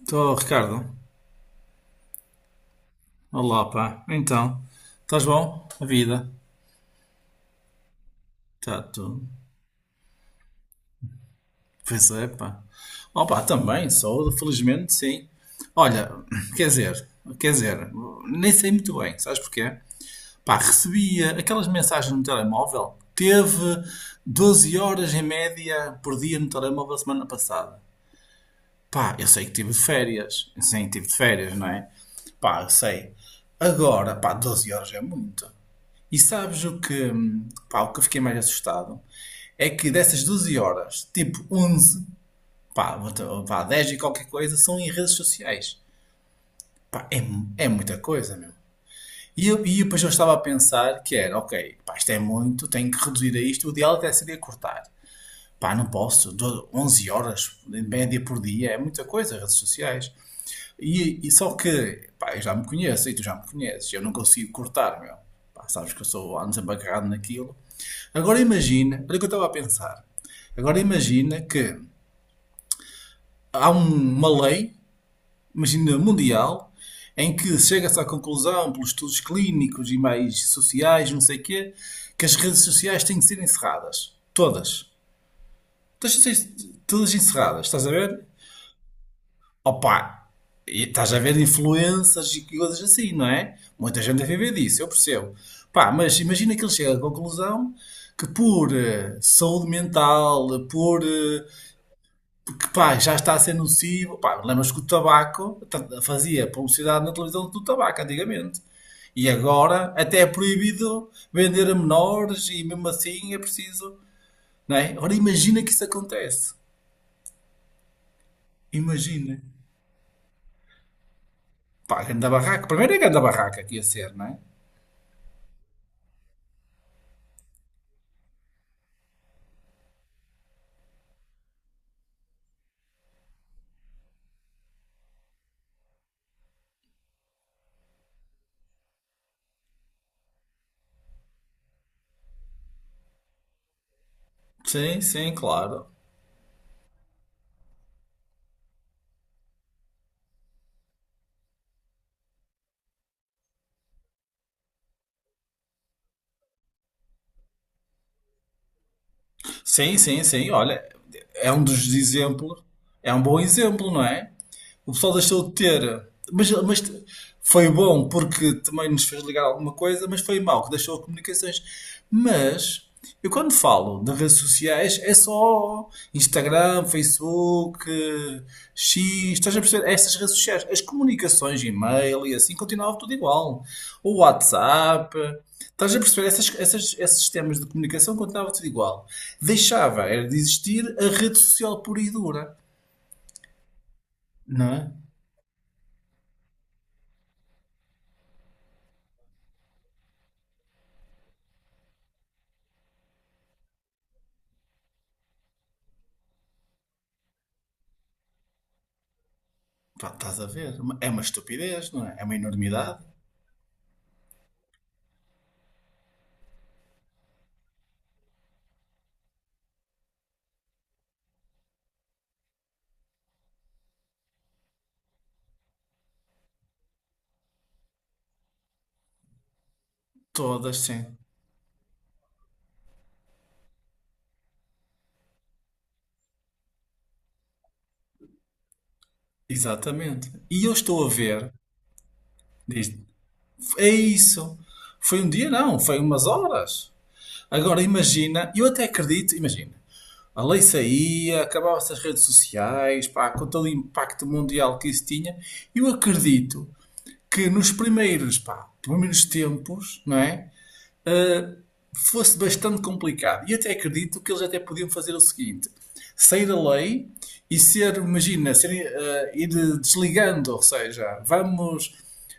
Estou, Ricardo. Olá, pá. Então, estás bom? A vida? Está tudo. Pois é, pá. Ó, também, saúde, felizmente, sim. Olha, quer dizer, quer dizer, nem sei muito bem, sabes porquê? Pá, recebi aquelas mensagens no telemóvel. Teve 12 horas em média por dia no telemóvel semana passada. Pá, eu sei que tive de férias. Sim, tive de férias, não é? Pá, eu sei. Agora, pá, 12 horas é muito. E sabes o que, pá, o que eu fiquei mais assustado? É que dessas 12 horas, tipo 11 pá, pá 10 e qualquer coisa, são em redes sociais. Pá, é, é muita coisa, meu. E depois eu estava a pensar que era, ok, pá, isto é muito, tenho que reduzir a isto, o ideal até seria cortar. Pá, não posso, 11 horas, em média por dia, é muita coisa, redes sociais. E só que, pá, eu já me conheço e tu já me conheces, eu não consigo cortar, meu. Pá, sabes que eu sou ando sempre agarrado naquilo. Agora imagina, olha o que eu estava a pensar. Agora imagina que há uma lei, imagina mundial, em que chega-se à conclusão, pelos estudos clínicos e mais sociais, não sei o quê, que as redes sociais têm que ser encerradas. Todas. Todas, todas encerradas, estás a ver? Opa, e estás a ver influências e coisas assim, não é? Muita gente a viver disso, eu percebo. Pá, mas imagina que ele chega à conclusão que por saúde mental, porque pá, já está a ser nocivo, pá, lembras que o tabaco fazia publicidade na televisão do tabaco antigamente. E agora até é proibido vender a menores e mesmo assim é preciso, não é? Agora imagina que isso acontece. Imagina. Pá, ganda barraca. Primeiro é ganda barraca que ia ser, não é? Sim, sim, claro. Sim, sim, sim. Olha, é um dos exemplos, é um bom exemplo, não é? O pessoal deixou de ter. Mas, foi bom porque também nos fez ligar alguma coisa, mas foi mau que deixou as comunicações. Mas eu quando falo de redes sociais é só Instagram, Facebook, X, estás a perceber? Estas redes sociais, as comunicações, e-mail e assim continuava tudo igual. O WhatsApp, estás a perceber? Esses sistemas de comunicação continuava tudo igual. Deixava, era de existir a rede social pura e dura, não é? Pá, estás a ver? É uma estupidez, não é? É uma enormidade. Todas, sim. Exatamente. E eu estou a ver. Diz, é isso. Foi um dia, não. Foi umas horas. Agora imagina, eu até acredito, imagina. A lei saía, acabava-se as redes sociais, pá, com todo o impacto mundial que isso tinha. Eu acredito que nos primeiros, pá, primeiros tempos, não é, fosse bastante complicado. E até acredito que eles até podiam fazer o seguinte: sair a lei e ser, imagina, ser, ir desligando, ou seja, vamos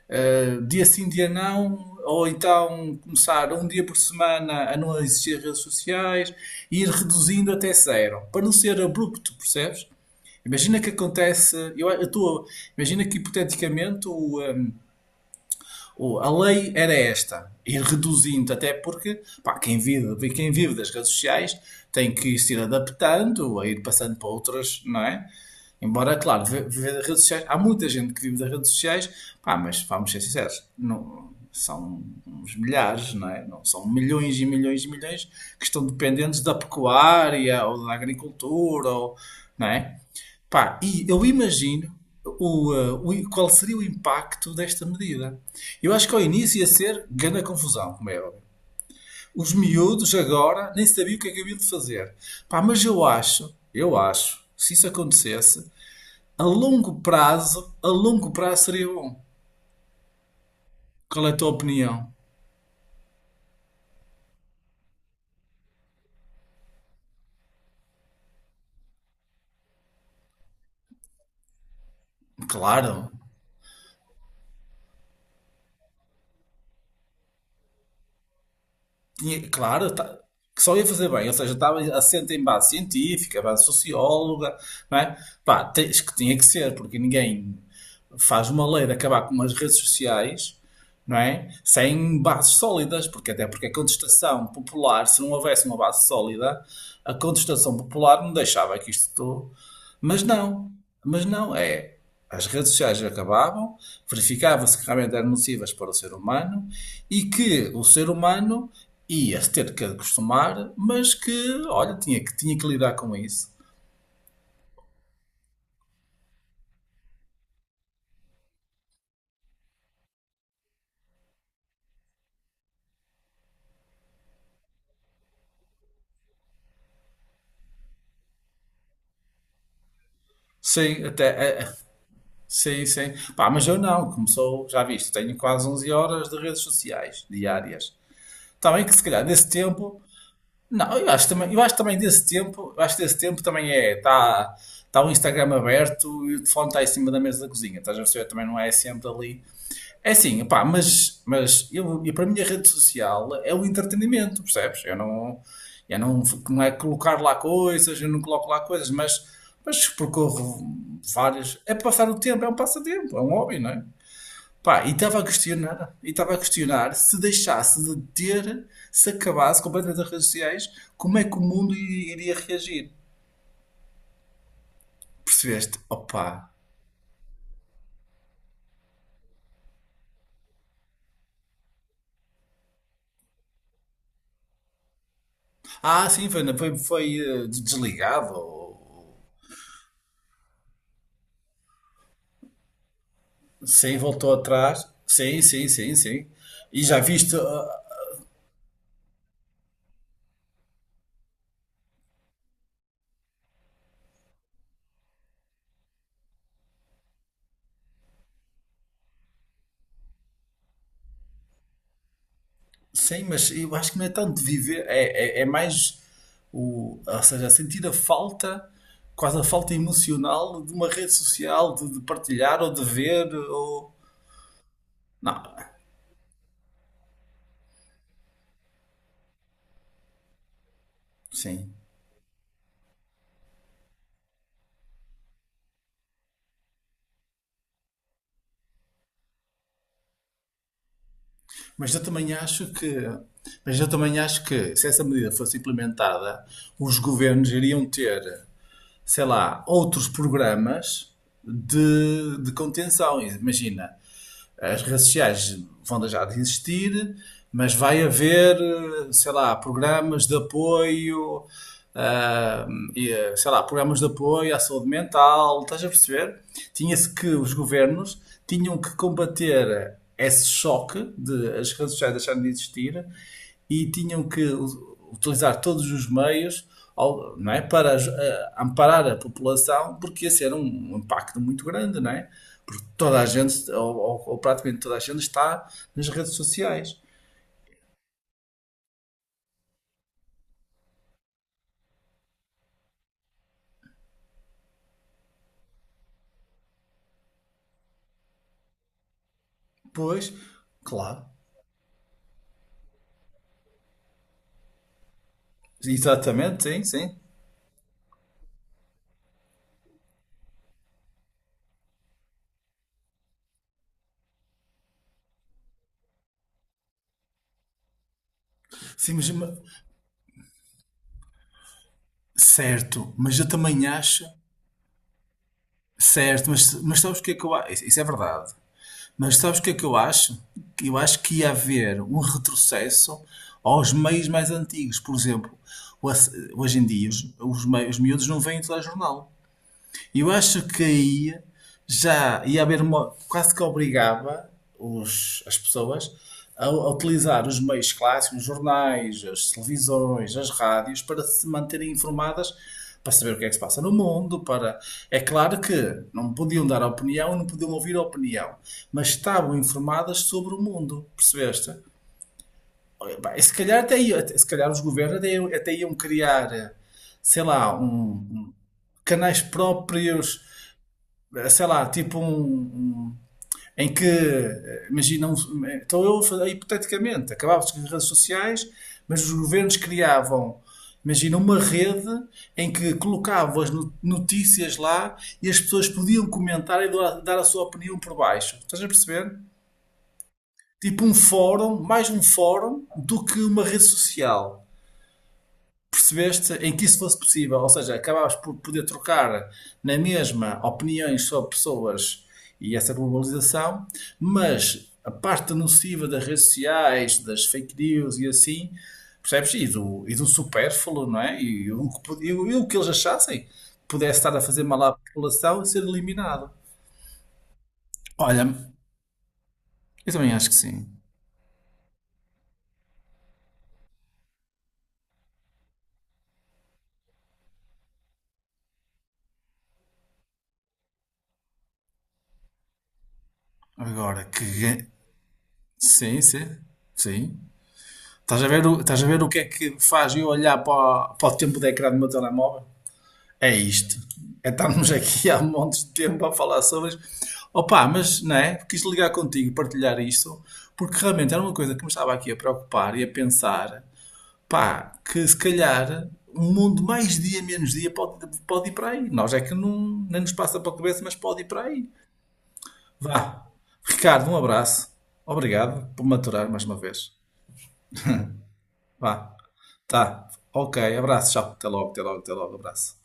dia sim, dia não, ou então começar um dia por semana a não existir redes sociais e ir reduzindo até zero, para não ser abrupto, percebes? Imagina que acontece, eu estou, imagina que hipoteticamente a lei era esta, ir reduzindo, até porque pá, quem vive das redes sociais tem que se ir adaptando, a ir passando para outras, não é? Embora, claro, viver das redes sociais, há muita gente que vive das redes sociais, pá, mas vamos ser sinceros, não, são uns milhares, não é? Não são milhões e milhões e milhões que estão dependentes da pecuária ou da agricultura, ou, não é? Pá, e eu imagino o, eh, qual seria o impacto desta medida. Eu acho que ao início ia ser grande confusão, como é óbvio. Os miúdos agora nem sabiam o que é que haviam de fazer. Pá, mas eu acho, se isso acontecesse, a longo prazo seria bom. Qual é a tua opinião? Claro, claro, que só ia fazer bem, ou seja, estava assente em base científica, base socióloga, não é? Pá, tens que tinha que ser, porque ninguém faz uma lei de acabar com as redes sociais, não é? Sem bases sólidas, porque até porque a contestação popular, se não houvesse uma base sólida, a contestação popular não deixava que isto. Mas não, mas não, é. As redes sociais acabavam, verificava-se que realmente eram nocivas para o ser humano e que o ser humano ia-se ter que acostumar, mas que, olha, tinha que lidar com isso. Sim, até. É, é, sim, sim. Pá, mas eu não, começou, já viste, tenho quase 11 horas de redes sociais diárias. Está bem que se calhar desse tempo. Não, eu acho também desse tempo, eu acho que desse tempo também é. Está tá o Instagram aberto e o telefone está em cima da mesa da cozinha. Estás a perceber? Também não é sempre ali. É assim, pá, mas eu para mim a rede social é o entretenimento, percebes? Eu não, não é colocar lá coisas, eu não coloco lá coisas, mas percorro várias. É passar o tempo, é um passatempo, é um hobby, não é? Pá, e estava a questionar se deixasse de ter, se acabasse completamente as redes sociais, como é que o mundo iria reagir? Percebeste? Opa! Ah, sim, foi desligado. Sim, voltou atrás. Sim, sim, sim, sim. E já viste, ah, sim, mas eu acho que não é tanto de viver, é mais ou seja, sentir a falta, quase a falta emocional de uma rede social, de partilhar ou de ver, ou. Não, sim. Mas eu também acho que se essa medida fosse implementada, os governos iriam ter, sei lá, outros programas de contenção. Imagina, as redes sociais vão deixar de existir, mas vai haver, sei lá, programas de apoio, ah, e, sei lá, programas de apoio à saúde mental, estás a perceber? Tinha-se que os governos tinham que combater esse choque de as redes sociais deixarem de existir e tinham que utilizar todos os meios não é, para amparar a população, porque esse era um impacto muito grande, não é? Porque toda a gente, ou praticamente toda a gente, está nas redes sociais. Pois, claro. Exatamente, sim, sim. Sim, certo, mas eu também acho, certo, mas sabes o que é que eu acho? Isso é verdade. Mas sabes o que é que eu acho? Eu acho que ia haver um retrocesso aos meios mais antigos. Por exemplo, hoje em dia os miúdos não veem telejornal. Eu acho que aí já ia haver uma, quase que obrigava as pessoas a utilizar os meios clássicos, os jornais, as televisões, as rádios, para se manterem informadas, para saber o que é que se passa no mundo, para. É claro que não podiam dar opinião, não podiam ouvir a opinião, mas estavam informadas sobre o mundo, percebeste? Olha, bem, se calhar até, se calhar os governos até, até iam criar, sei lá, canais próprios, sei lá, tipo em que, imagina, então eu, hipoteticamente, acabavam-se as redes sociais, mas os governos criavam, imagina, uma rede em que colocavam as notícias lá e as pessoas podiam comentar e dar a sua opinião por baixo. Estás a perceber? Tipo um fórum, mais um fórum do que uma rede social, percebeste, em que isso fosse possível, ou seja, acabavas por poder trocar na mesma opiniões sobre pessoas e essa globalização, mas a parte nociva das redes sociais, das fake news e assim, percebes? E do supérfluo, não é? E o que eles achassem pudesse estar a fazer mal à população e ser eliminado. Olha, eu também acho que sim. Agora que. Sim, sim. Sim. Estás a ver o que é que faz eu olhar para, para o tempo de ecrã do meu telemóvel? É isto. É estarmos aqui há montes de tempo a falar sobre isto. Opa, mas não é? Quis ligar contigo, partilhar isto, porque realmente era uma coisa que me estava aqui a preocupar e a pensar, pá, que se calhar um mundo mais dia, menos dia pode ir para aí. Nós é que não, nem nos passa para a cabeça, mas pode ir para aí. Vá. Ricardo, um abraço. Obrigado por maturar mais uma vez. Vá. Tá. Ok. Abraço. Tchau. Até logo. Até logo. Até logo. Abraço.